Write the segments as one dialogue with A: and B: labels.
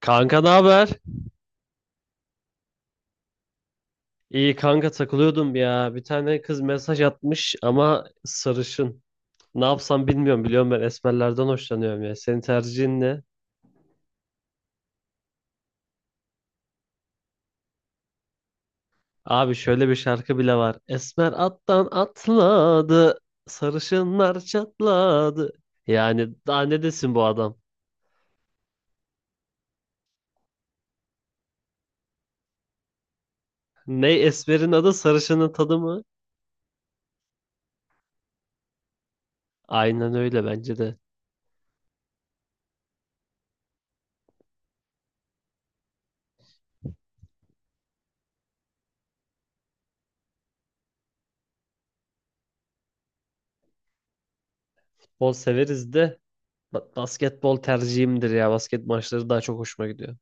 A: Kanka ne haber? İyi kanka takılıyordum ya. Bir tane kız mesaj atmış ama sarışın. Ne yapsam bilmiyorum. Biliyorum ben esmerlerden hoşlanıyorum ya. Senin tercihin ne? Abi şöyle bir şarkı bile var. Esmer attan atladı. Sarışınlar çatladı. Yani daha ne desin bu adam? Ne esmerin adı sarışının tadı mı? Aynen öyle bence de. Bol severiz de basketbol tercihimdir ya. Basket maçları daha çok hoşuma gidiyor.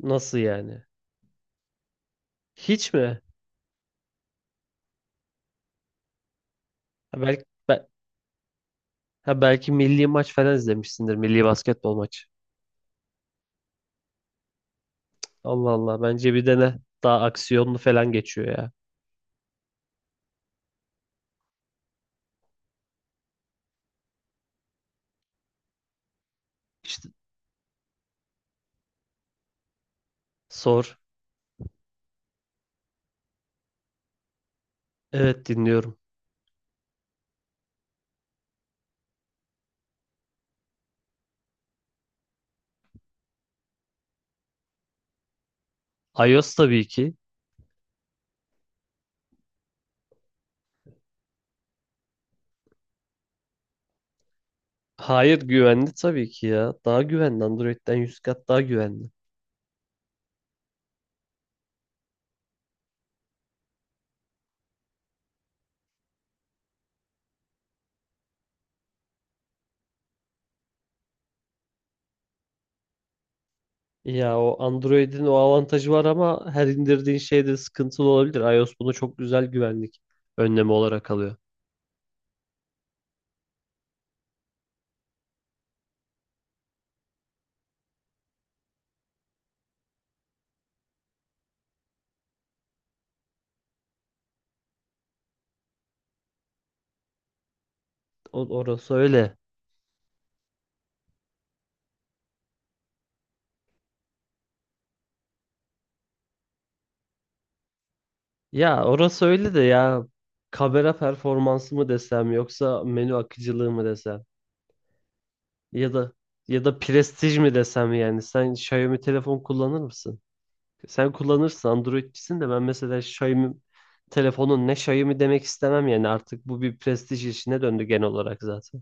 A: Nasıl yani? Hiç mi? Ha, belki be- ha, belki milli maç falan izlemişsindir. Milli basketbol maçı. Allah Allah. Bence bir dene. Daha aksiyonlu falan geçiyor ya. İşte sor. Evet dinliyorum. iOS tabii ki. Hayır güvenli tabii ki ya. Daha güvenli. Android'den 100 kat daha güvenli. Ya o Android'in o avantajı var ama her indirdiğin şeyde sıkıntılı olabilir. iOS bunu çok güzel güvenlik önlemi olarak alıyor. Orası öyle. Ya orası öyle de ya kamera performansı mı desem yoksa menü akıcılığı mı desem ya da ya da prestij mi desem yani sen Xiaomi telefon kullanır mısın? Sen kullanırsın Androidçisin de ben mesela Xiaomi telefonun ne Xiaomi demek istemem yani artık bu bir prestij işine döndü genel olarak zaten.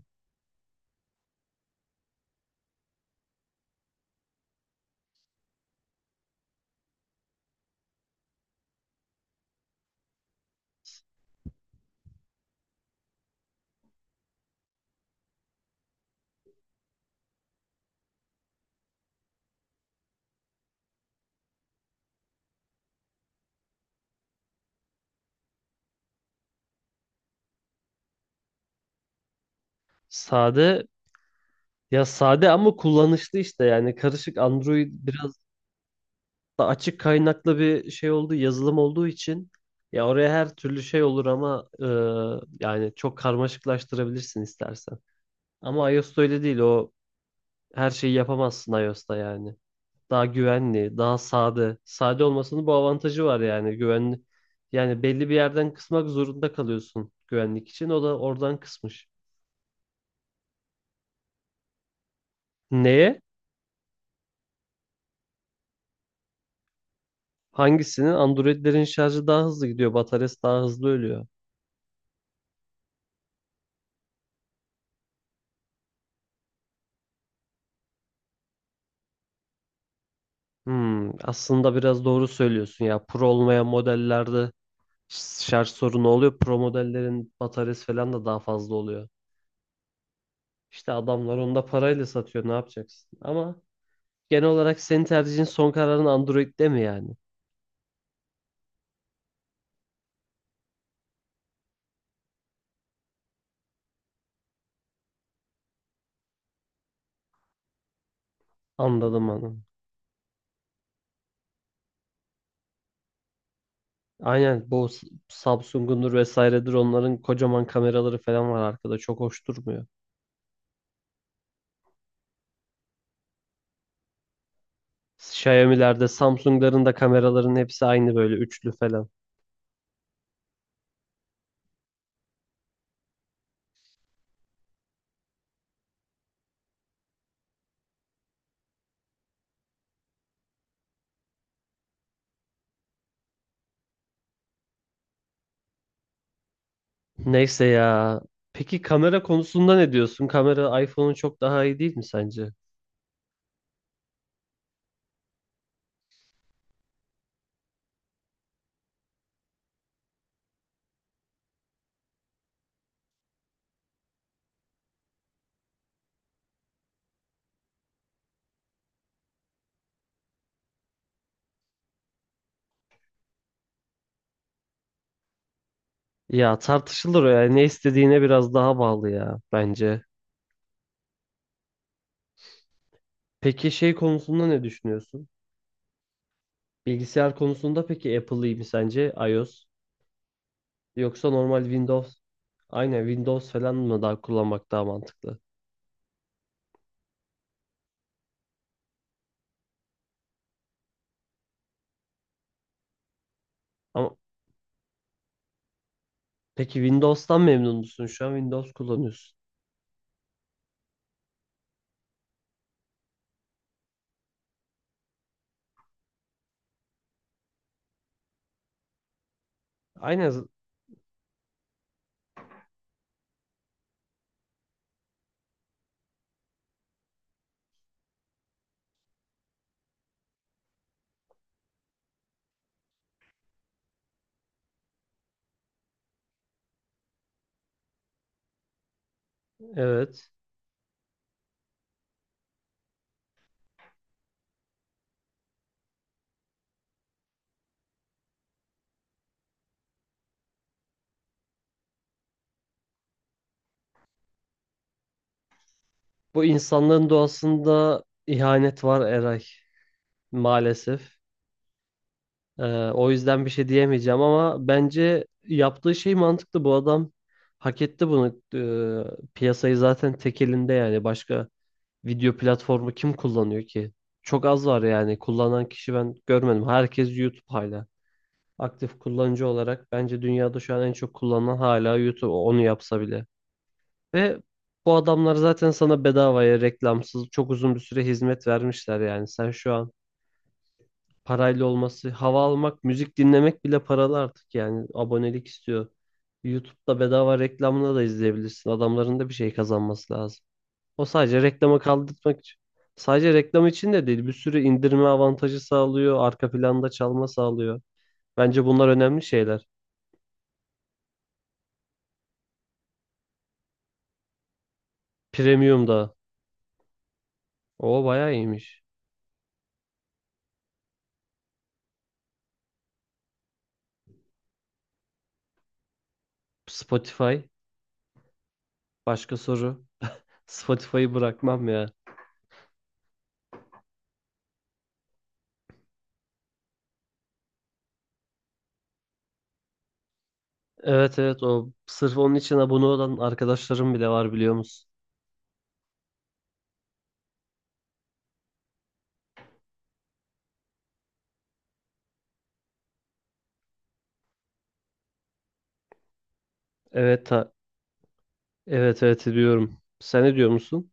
A: Sade ya sade ama kullanışlı işte yani karışık Android biraz da açık kaynaklı bir şey olduğu, yazılım olduğu için ya oraya her türlü şey olur ama yani çok karmaşıklaştırabilirsin istersen. Ama iOS'ta öyle değil. O her şeyi yapamazsın iOS'ta yani. Daha güvenli, daha sade. Sade olmasının bu avantajı var yani. Güvenli. Yani belli bir yerden kısmak zorunda kalıyorsun güvenlik için. O da oradan kısmış. Neye? Hangisinin? Android'lerin şarjı daha hızlı gidiyor. Bataryası daha hızlı ölüyor. Aslında biraz doğru söylüyorsun ya. Pro olmayan modellerde şarj sorunu oluyor. Pro modellerin bataryası falan da daha fazla oluyor. İşte adamlar onu da parayla satıyor. Ne yapacaksın? Ama genel olarak senin tercihin son kararın Android'de mi yani? Anladım anladım. Aynen bu Samsung'undur vesairedir onların kocaman kameraları falan var arkada. Çok hoş durmuyor. Xiaomi'lerde, Samsung'ların da kameraların hepsi aynı böyle üçlü falan. Neyse ya. Peki kamera konusunda ne diyorsun? Kamera iPhone'un çok daha iyi değil mi sence? Ya tartışılır o ya. Ne istediğine biraz daha bağlı ya bence. Peki şey konusunda ne düşünüyorsun? Bilgisayar konusunda peki Apple iyi mi sence? iOS yoksa normal Windows? Aynen Windows falan mı daha kullanmak daha mantıklı? Ama peki Windows'tan memnun musun? Şu an Windows kullanıyorsun. Aynen z- evet. Bu insanların doğasında ihanet var Eray maalesef. Ee, o yüzden bir şey diyemeyeceğim ama bence yaptığı şey mantıklı. Bu adam hak etti bunu. Piyasayı zaten tek elinde yani. Başka video platformu kim kullanıyor ki? Çok az var yani. Kullanan kişi ben görmedim. Herkes YouTube hala. Aktif kullanıcı olarak bence dünyada şu an en çok kullanılan hala YouTube. Onu yapsa bile. Ve bu adamlar zaten sana bedavaya reklamsız çok uzun bir süre hizmet vermişler yani. Sen şu an parayla olması, hava almak, müzik dinlemek bile paralı artık yani abonelik istiyor. YouTube'da bedava reklamını da izleyebilirsin. Adamların da bir şey kazanması lazım. O sadece reklama kaldırmak için. Sadece reklam için de değil, bir sürü indirme avantajı sağlıyor, arka planda çalma sağlıyor. Bence bunlar önemli şeyler. Premium da. O bayağı iyiymiş. Spotify. Başka soru. Spotify'ı bırakmam ya. Evet evet o sırf onun için abone olan arkadaşlarım bile var biliyor musun? Evet ta- Evet evet ediyorum. Sen ne diyor musun?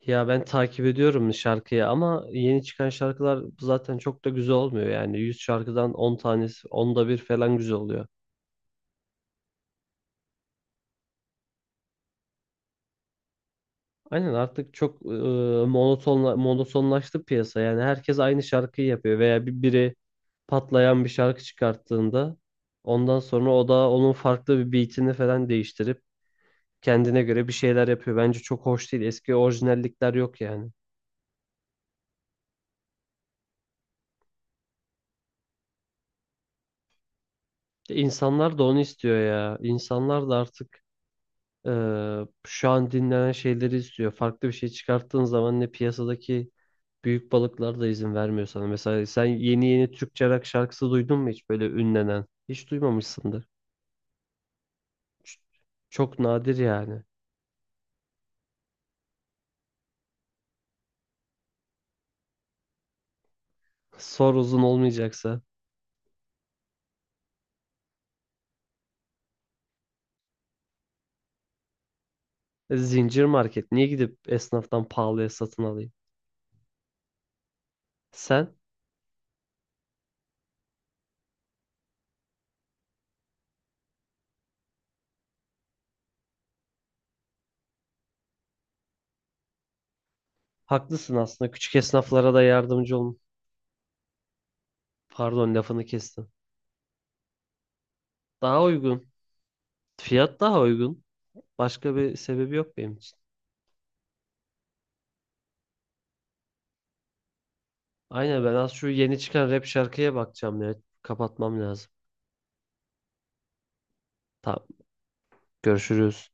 A: Ya ben takip ediyorum şarkıyı ama yeni çıkan şarkılar zaten çok da güzel olmuyor yani. 100 şarkıdan 10 tanesi, onda bir falan güzel oluyor. Aynen artık çok monotonlaştı piyasa. Yani herkes aynı şarkıyı yapıyor veya biri patlayan bir şarkı çıkarttığında ondan sonra o da onun farklı bir beatini falan değiştirip kendine göre bir şeyler yapıyor. Bence çok hoş değil. Eski orijinallikler yok yani. İnsanlar da onu istiyor ya. İnsanlar da artık şu an dinlenen şeyleri istiyor. Farklı bir şey çıkarttığın zaman ne piyasadaki büyük balıklar da izin vermiyor sana. Mesela sen yeni yeni Türkçe rock şarkısı duydun mu hiç böyle ünlenen? Hiç duymamışsındır. Ç- Çok nadir yani. Sor uzun olmayacaksa. Zincir market. Niye gidip esnaftan pahalıya satın alayım? Sen haklısın aslında. Küçük esnaflara da yardımcı olun. Pardon lafını kestim. Daha uygun. Fiyat daha uygun. Başka bir sebebi yok benim için. Aynen ben az şu yeni çıkan rap şarkıya bakacağım ya. Kapatmam lazım. Tamam görüşürüz.